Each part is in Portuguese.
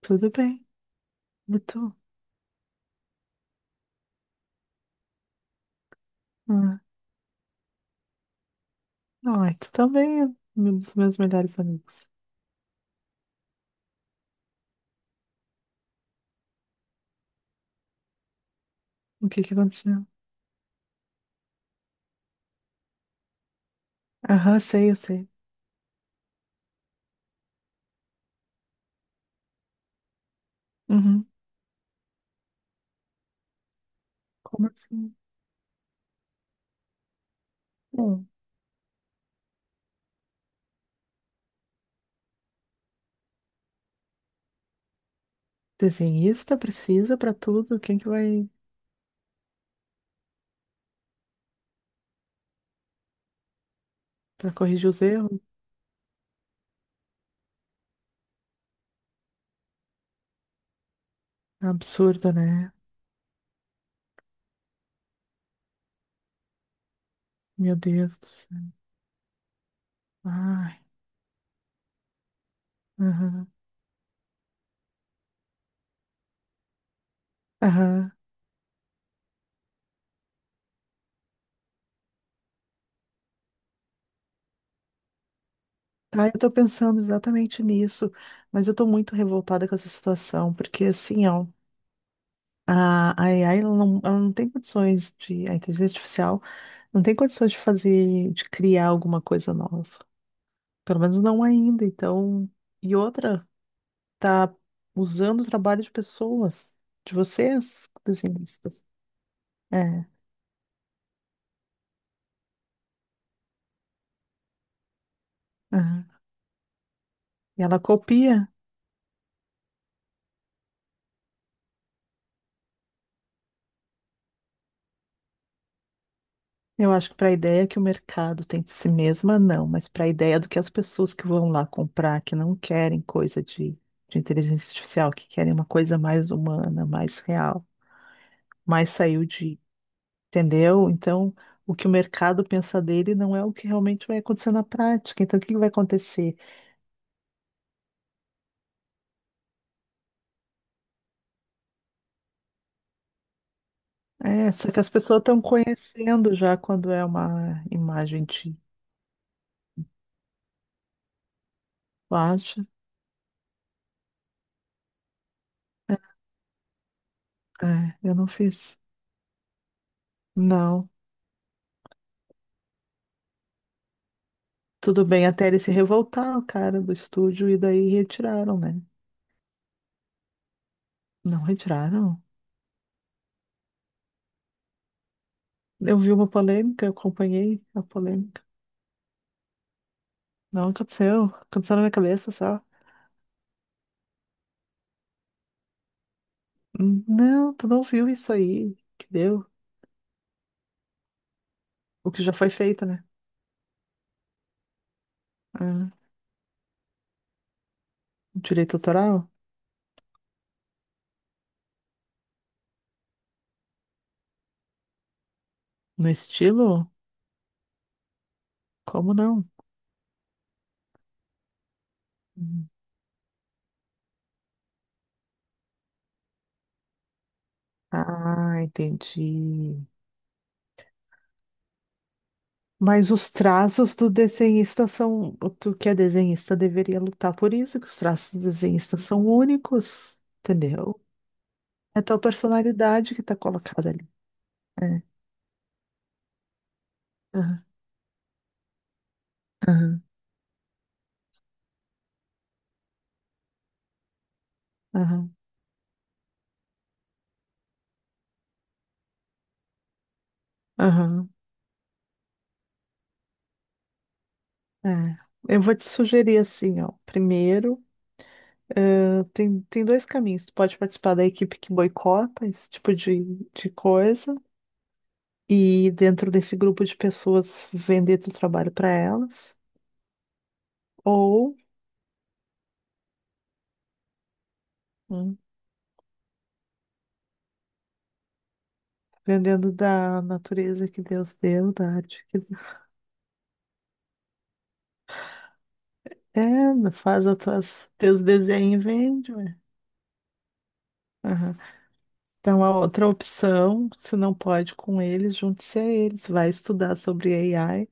Tudo bem. E tu? Ah, não, é, tu também é um dos meus melhores amigos. O que que aconteceu? Aham, sei, eu sei. Uhum. Como assim? Bom, desenhista precisa pra tudo. Quem que vai pra corrigir os erros? Absurdo, né? Meu Deus do céu. Ai, aham, aham. Tá, eu tô pensando exatamente nisso, mas eu tô muito revoltada com essa situação, porque assim, ó, a AI, ela não tem condições de, a inteligência artificial não tem condições de fazer, de criar alguma coisa nova. Pelo menos não ainda. Então, e outra, tá usando o trabalho de pessoas, de vocês, desenhistas. É. Aham. E ela copia. Eu acho que para a ideia que o mercado tem de si mesma, não, mas para a ideia do que as pessoas que vão lá comprar, que não querem coisa de inteligência artificial, que querem uma coisa mais humana, mais real, mais saiu. Entendeu? Então, o que o mercado pensa dele não é o que realmente vai acontecer na prática. Então, o que que vai acontecer? É, só que as pessoas estão conhecendo já quando é uma imagem de baixa. É, eu não fiz. Não. Tudo bem, até ele se revoltar, o cara do estúdio, e daí retiraram, né? Não retiraram. Eu vi uma polêmica, eu acompanhei a polêmica. Não aconteceu. Aconteceu na minha cabeça só. Não, tu não viu isso aí que deu. O que já foi feito, né? É. Direito autoral? No estilo? Como não? Hum. Ah, entendi. Mas os traços do desenhista são. O Tu que é desenhista deveria lutar por isso, que os traços do desenhista são únicos, entendeu? É a tua personalidade que tá colocada ali. É. Aham, aham, aham, aham. É. Eu vou te sugerir assim, ó. Primeiro, tem dois caminhos. Tu pode participar da equipe que boicota esse tipo de coisa, e dentro desse grupo de pessoas vender teu trabalho para elas, ou hum, vendendo da natureza que Deus deu, da arte que é, faz teus desenhos e vende, ué. Aham. Então, a outra opção, se não pode com eles, junte-se a eles, vai estudar sobre AI,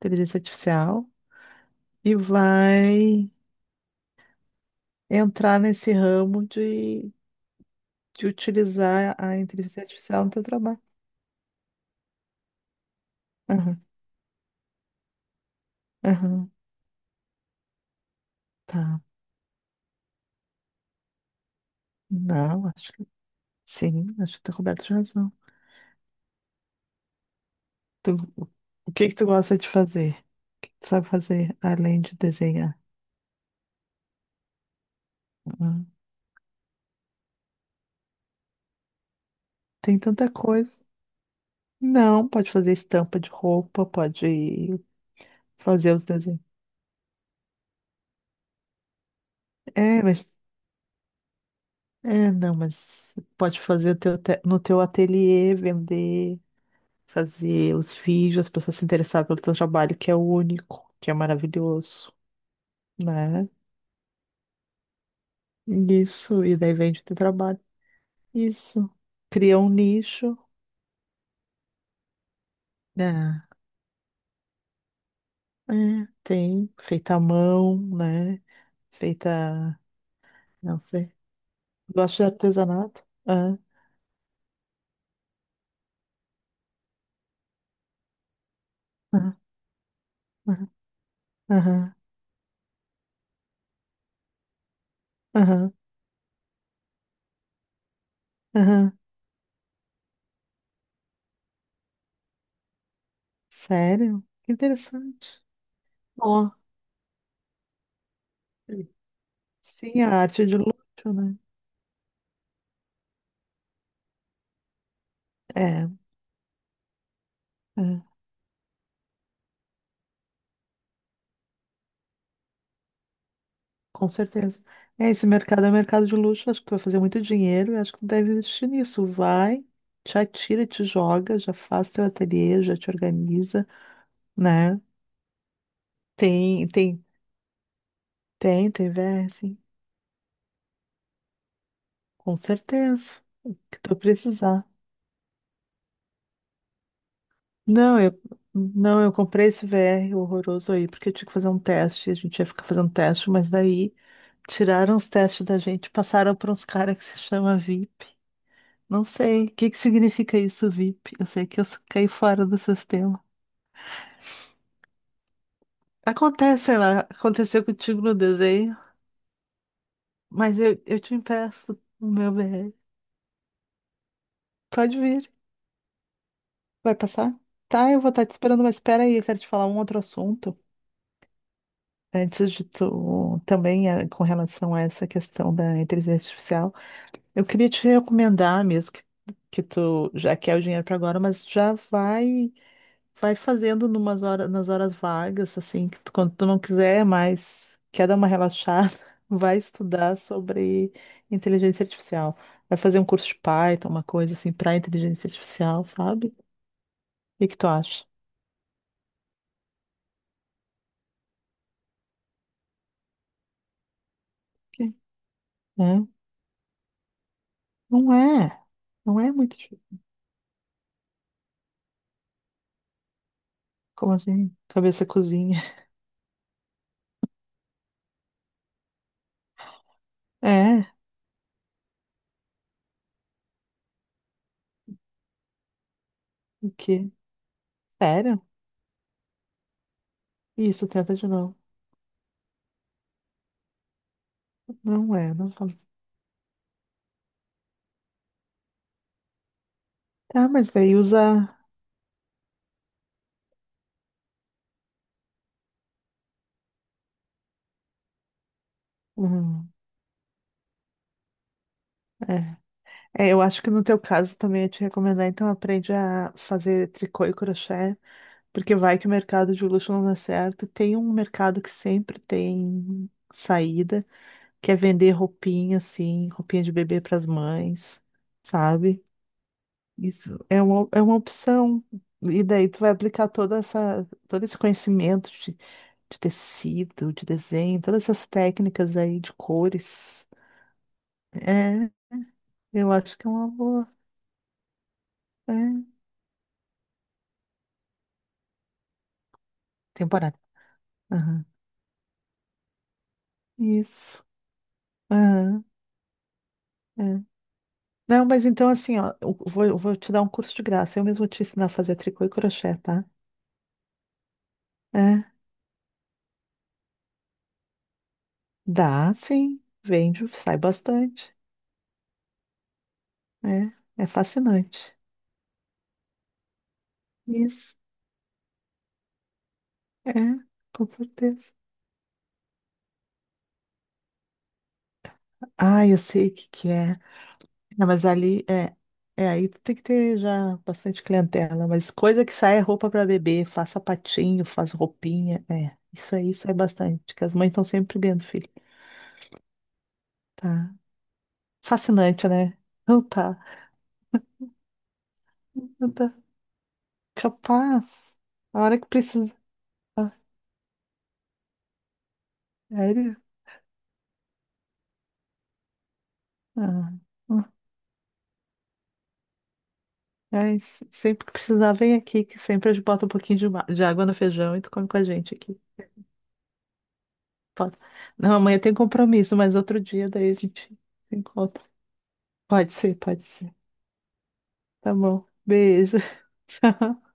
inteligência artificial, e vai entrar nesse ramo de utilizar a inteligência artificial no teu trabalho. Aham, aham, tá. Não, acho. Sim, acho que tá coberto de razão. Tu- o que que tu gosta de fazer? O que que tu sabe fazer além de desenhar? Ah, tem tanta coisa. Não, pode fazer estampa de roupa, pode fazer os desenhos. É, mas é, não, mas pode fazer no teu ateliê, vender, fazer os vídeos, as pessoas se interessarem pelo teu trabalho, que é único, que é maravilhoso, né? Isso, e daí vende o teu trabalho. Isso. Cria um nicho, né? É, tem, feita à mão, né? Feita, não sei. Gosto de artesanato. Ah, ah, ah, aham, aham, aham. Sério? Que interessante. Ó, sim, a arte de luxo, né? É, é, com certeza. É, esse mercado é um mercado de luxo, acho que tu vai fazer muito dinheiro e acho que tu deve investir nisso. Vai, te atira, te joga, já faz teu ateliê, já te organiza, né? Tem, tem, tem, VS. Com certeza. O que tu precisar. Não, eu não, eu comprei esse VR horroroso aí, porque eu tinha que fazer um teste, a gente ia ficar fazendo teste, mas daí tiraram os testes da gente, passaram para uns caras que se chama VIP. Não sei o que que significa isso, VIP. Eu sei que eu caí fora do sistema. Acontece, sei lá, aconteceu contigo no desenho, mas eu te empresto o meu VR. Pode vir. Vai passar? Tá, eu vou estar te esperando, mas espera aí, eu quero te falar um outro assunto. Antes de tu, também com relação a essa questão da inteligência artificial, eu queria te recomendar mesmo que tu já quer o dinheiro para agora, mas já vai fazendo numas horas, nas horas vagas, assim, que quando tu não quiser mais, quer dar uma relaxada, vai estudar sobre inteligência artificial. Vai fazer um curso de Python, uma coisa assim, para inteligência artificial, sabe? O que que tu acha? Ok. É? Não é, não é muito difícil. Como assim? Cabeça cozinha. É. O quê? Sério? Isso, tenta de novo. Não é, não fala. Tá, mas daí usa. Hum, é. É, eu acho que no teu caso também ia te recomendar, então aprende a fazer tricô e crochê, porque vai que o mercado de luxo não dá certo. Tem um mercado que sempre tem saída, que é vender roupinha, assim, roupinha de bebê para as mães, sabe? Isso é uma opção. E daí tu vai aplicar todo esse conhecimento de tecido, de desenho, todas essas técnicas aí de cores. É, eu acho que é uma boa. É, temporada. Aham. Isso. Aham. É. Não, mas então assim, ó, eu vou te dar um curso de graça. Eu mesmo te ensinar a fazer tricô e crochê, tá? É. Dá, sim. Vende, sai bastante. É, é fascinante. Isso. É, com certeza. Ah, eu sei o que que é. Não, mas ali é aí tu tem que ter já bastante clientela, mas coisa que sai é roupa para bebê, faz sapatinho, faz roupinha, é, isso aí sai bastante, que as mães estão sempre vendo filho. Tá. Fascinante, né? Não tá. Não tá. Capaz. A hora que precisa. Ah, sério? Ah, ah. É, sempre que precisar, vem aqui, que sempre a gente bota um pouquinho de água no feijão e tu come com a gente aqui. Pode. Não, amanhã tem compromisso, mas outro dia daí a gente se encontra. Pode ser, pode ser. Tá bom. Beijo. Tchau.